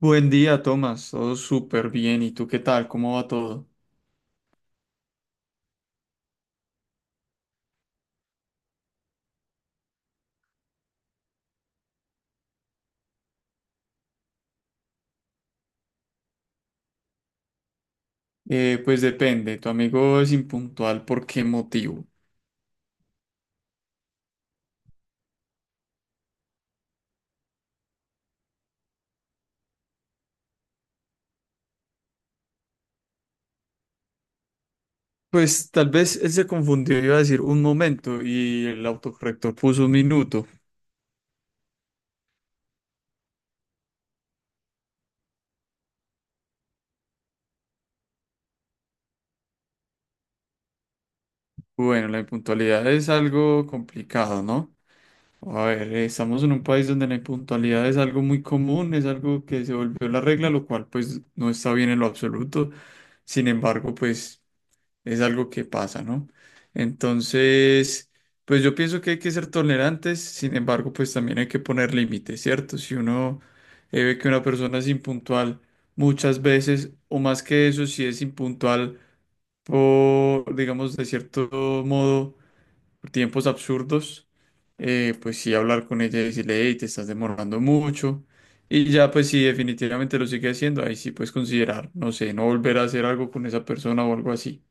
Buen día, Tomás. Todo súper bien. ¿Y tú qué tal? ¿Cómo va todo? Pues depende. Tu amigo es impuntual. ¿Por qué motivo? Pues tal vez él se confundió. Iba a decir un momento y el autocorrector puso un minuto. Bueno, la impuntualidad es algo complicado, ¿no? A ver, estamos en un país donde la impuntualidad es algo muy común, es algo que se volvió la regla, lo cual pues no está bien en lo absoluto. Sin embargo, pues es algo que pasa, ¿no? Entonces, pues yo pienso que hay que ser tolerantes, sin embargo, pues también hay que poner límites, ¿cierto? Si uno ve que una persona es impuntual muchas veces, o más que eso, si es impuntual por, digamos, de cierto modo, por tiempos absurdos, pues sí hablar con ella y decirle, hey, te estás demorando mucho. Y ya, pues si definitivamente lo sigue haciendo, ahí sí puedes considerar, no sé, no volver a hacer algo con esa persona o algo así.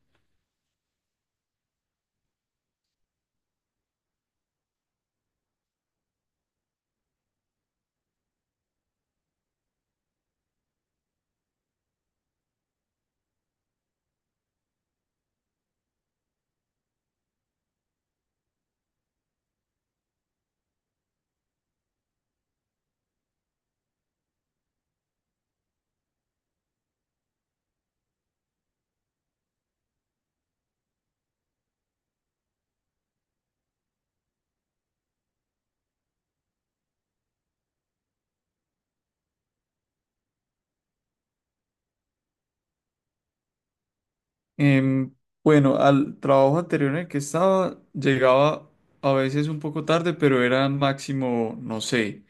Em, bueno, al trabajo anterior en el que estaba, llegaba a veces un poco tarde, pero era máximo, no sé,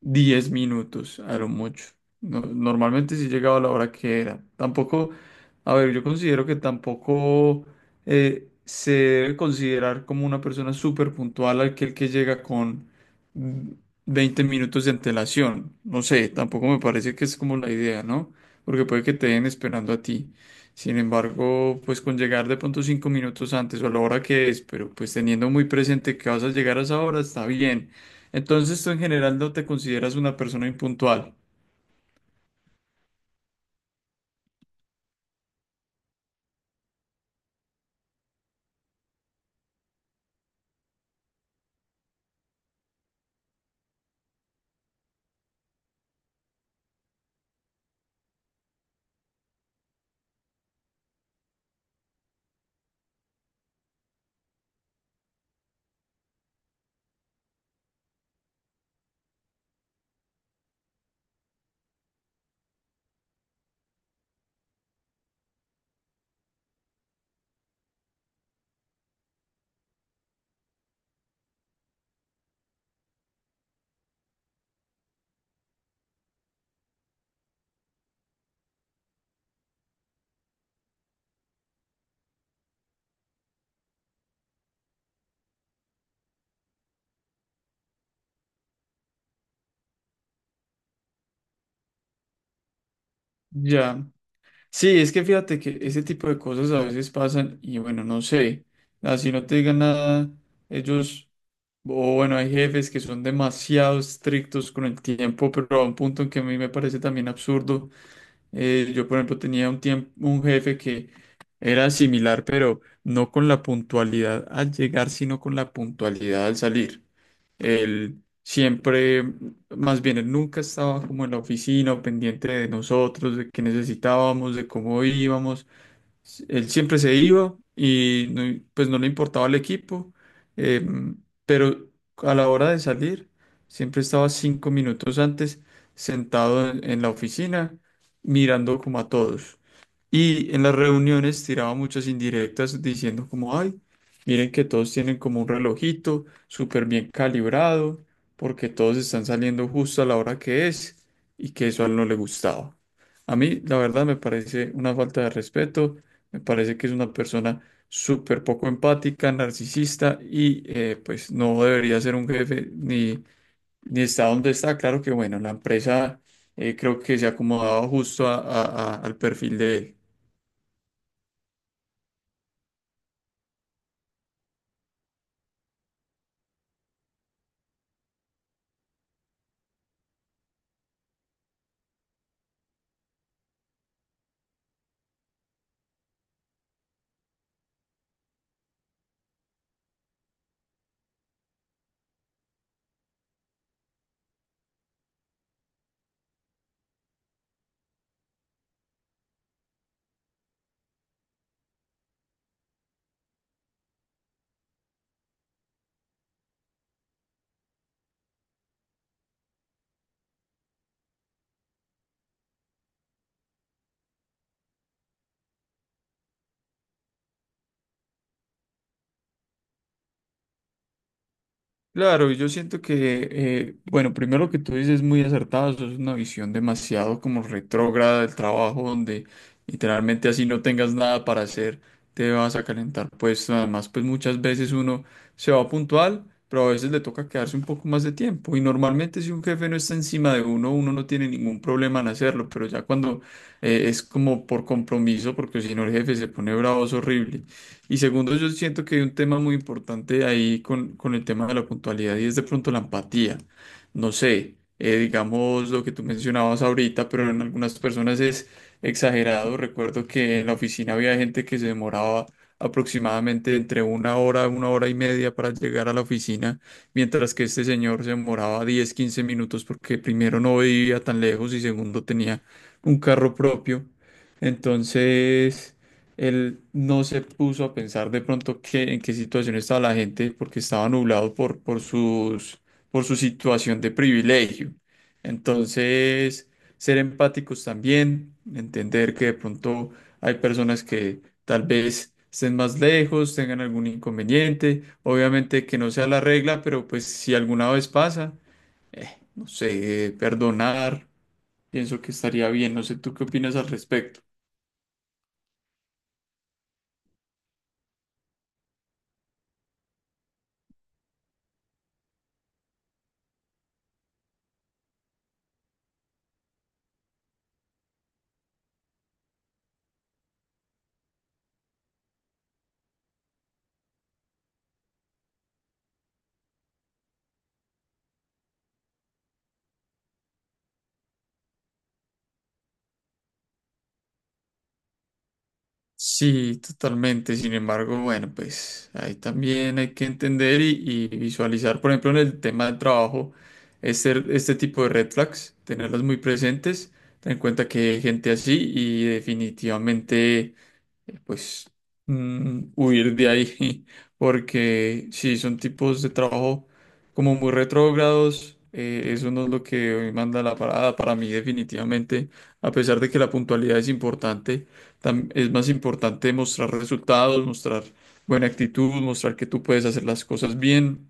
10 minutos, a lo mucho. Normalmente sí llegaba a la hora que era. Tampoco, a ver, yo considero que tampoco se debe considerar como una persona súper puntual aquel que llega con mm, 20 minutos de antelación. No sé, tampoco me parece que es como la idea, ¿no? Porque puede que te den esperando a ti. Sin embargo, pues con llegar de pronto 5 minutos antes o a la hora que es, pero pues teniendo muy presente que vas a llegar a esa hora, está bien. Entonces tú en general no te consideras una persona impuntual. Ya. Sí, es que fíjate que ese tipo de cosas a veces pasan y bueno, no sé. Así no te digan nada, ellos, o bueno, hay jefes que son demasiado estrictos con el tiempo, pero a un punto en que a mí me parece también absurdo. Yo, por ejemplo, tenía un tiempo, un jefe que era similar, pero no con la puntualidad al llegar, sino con la puntualidad al salir. Él siempre, más bien, él nunca estaba como en la oficina o pendiente de nosotros, de qué necesitábamos, de cómo íbamos. Él siempre se iba y pues no le importaba el equipo, pero a la hora de salir, siempre estaba 5 minutos antes sentado en la oficina mirando como a todos. Y en las reuniones tiraba muchas indirectas diciendo como, ay, miren que todos tienen como un relojito súper bien calibrado, porque todos están saliendo justo a la hora que es y que eso a él no le gustaba. A mí, la verdad, me parece una falta de respeto, me parece que es una persona súper poco empática, narcisista y pues no debería ser un jefe ni está donde está. Claro que bueno, la empresa creo que se acomodaba justo al perfil de él. Claro, y yo siento que, bueno, primero lo que tú dices es muy acertado, eso es una visión demasiado como retrógrada del trabajo, donde literalmente así no tengas nada para hacer, te vas a calentar, pues además, pues muchas veces uno se va puntual, pero a veces le toca quedarse un poco más de tiempo, y normalmente si un jefe no está encima de uno, uno no tiene ningún problema en hacerlo, pero ya cuando es como por compromiso, porque si no el jefe se pone bravo, es horrible. Y segundo, yo siento que hay un tema muy importante ahí con el tema de la puntualidad y es de pronto la empatía. No sé, digamos lo que tú mencionabas ahorita, pero en algunas personas es exagerado. Recuerdo que en la oficina había gente que se demoraba aproximadamente entre una hora y media para llegar a la oficina, mientras que este señor se demoraba 10, 15 minutos porque primero no vivía tan lejos y segundo tenía un carro propio. Entonces... Él no se puso a pensar de pronto qué, en qué situación estaba la gente porque estaba nublado por sus, por su situación de privilegio. Entonces, ser empáticos también, entender que de pronto hay personas que tal vez estén más lejos, tengan algún inconveniente, obviamente que no sea la regla, pero pues si alguna vez pasa, eh, no sé, perdonar, pienso que estaría bien, no sé, ¿tú qué opinas al respecto? Sí, totalmente. Sin embargo, bueno, pues ahí también hay que entender y visualizar, por ejemplo, en el tema del trabajo, este tipo de red flags, tenerlas muy presentes, ten en cuenta que hay gente así y definitivamente pues huir de ahí, porque si son tipos de trabajo como muy retrógrados, eso no es lo que hoy manda la parada para mí definitivamente, a pesar de que la puntualidad es importante, es más importante mostrar resultados, mostrar buena actitud, mostrar que tú puedes hacer las cosas bien.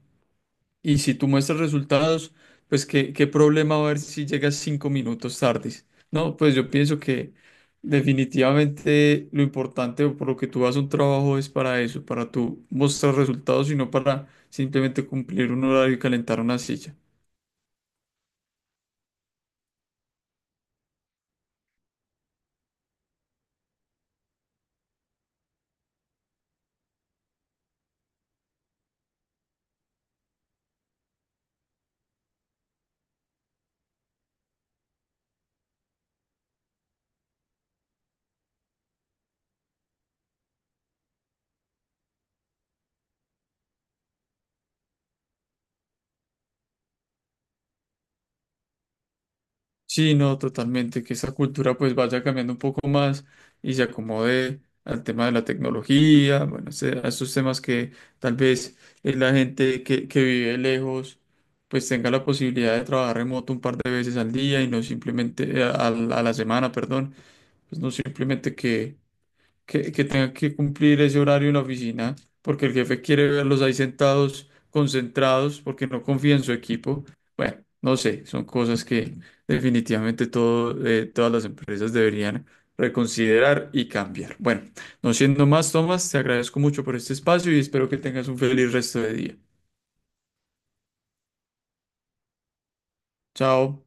Y si tú muestras resultados, pues qué problema va a haber si llegas 5 minutos tardes. No, pues yo pienso que definitivamente lo importante o por lo que tú vas a un trabajo es para eso, para tú mostrar resultados y no para simplemente cumplir un horario y calentar una silla. Sí, no, totalmente, que esa cultura pues vaya cambiando un poco más y se acomode al tema de la tecnología, bueno, a esos temas que tal vez la gente que vive lejos pues tenga la posibilidad de trabajar remoto un par de veces al día y no simplemente, a la semana, perdón, pues no simplemente que tenga que cumplir ese horario en la oficina, porque el jefe quiere verlos ahí sentados, concentrados, porque no confía en su equipo. Bueno, no sé, son cosas que definitivamente todo, todas las empresas deberían reconsiderar y cambiar. Bueno, no siendo más, Tomás, te agradezco mucho por este espacio y espero que tengas un feliz resto de día. Chao.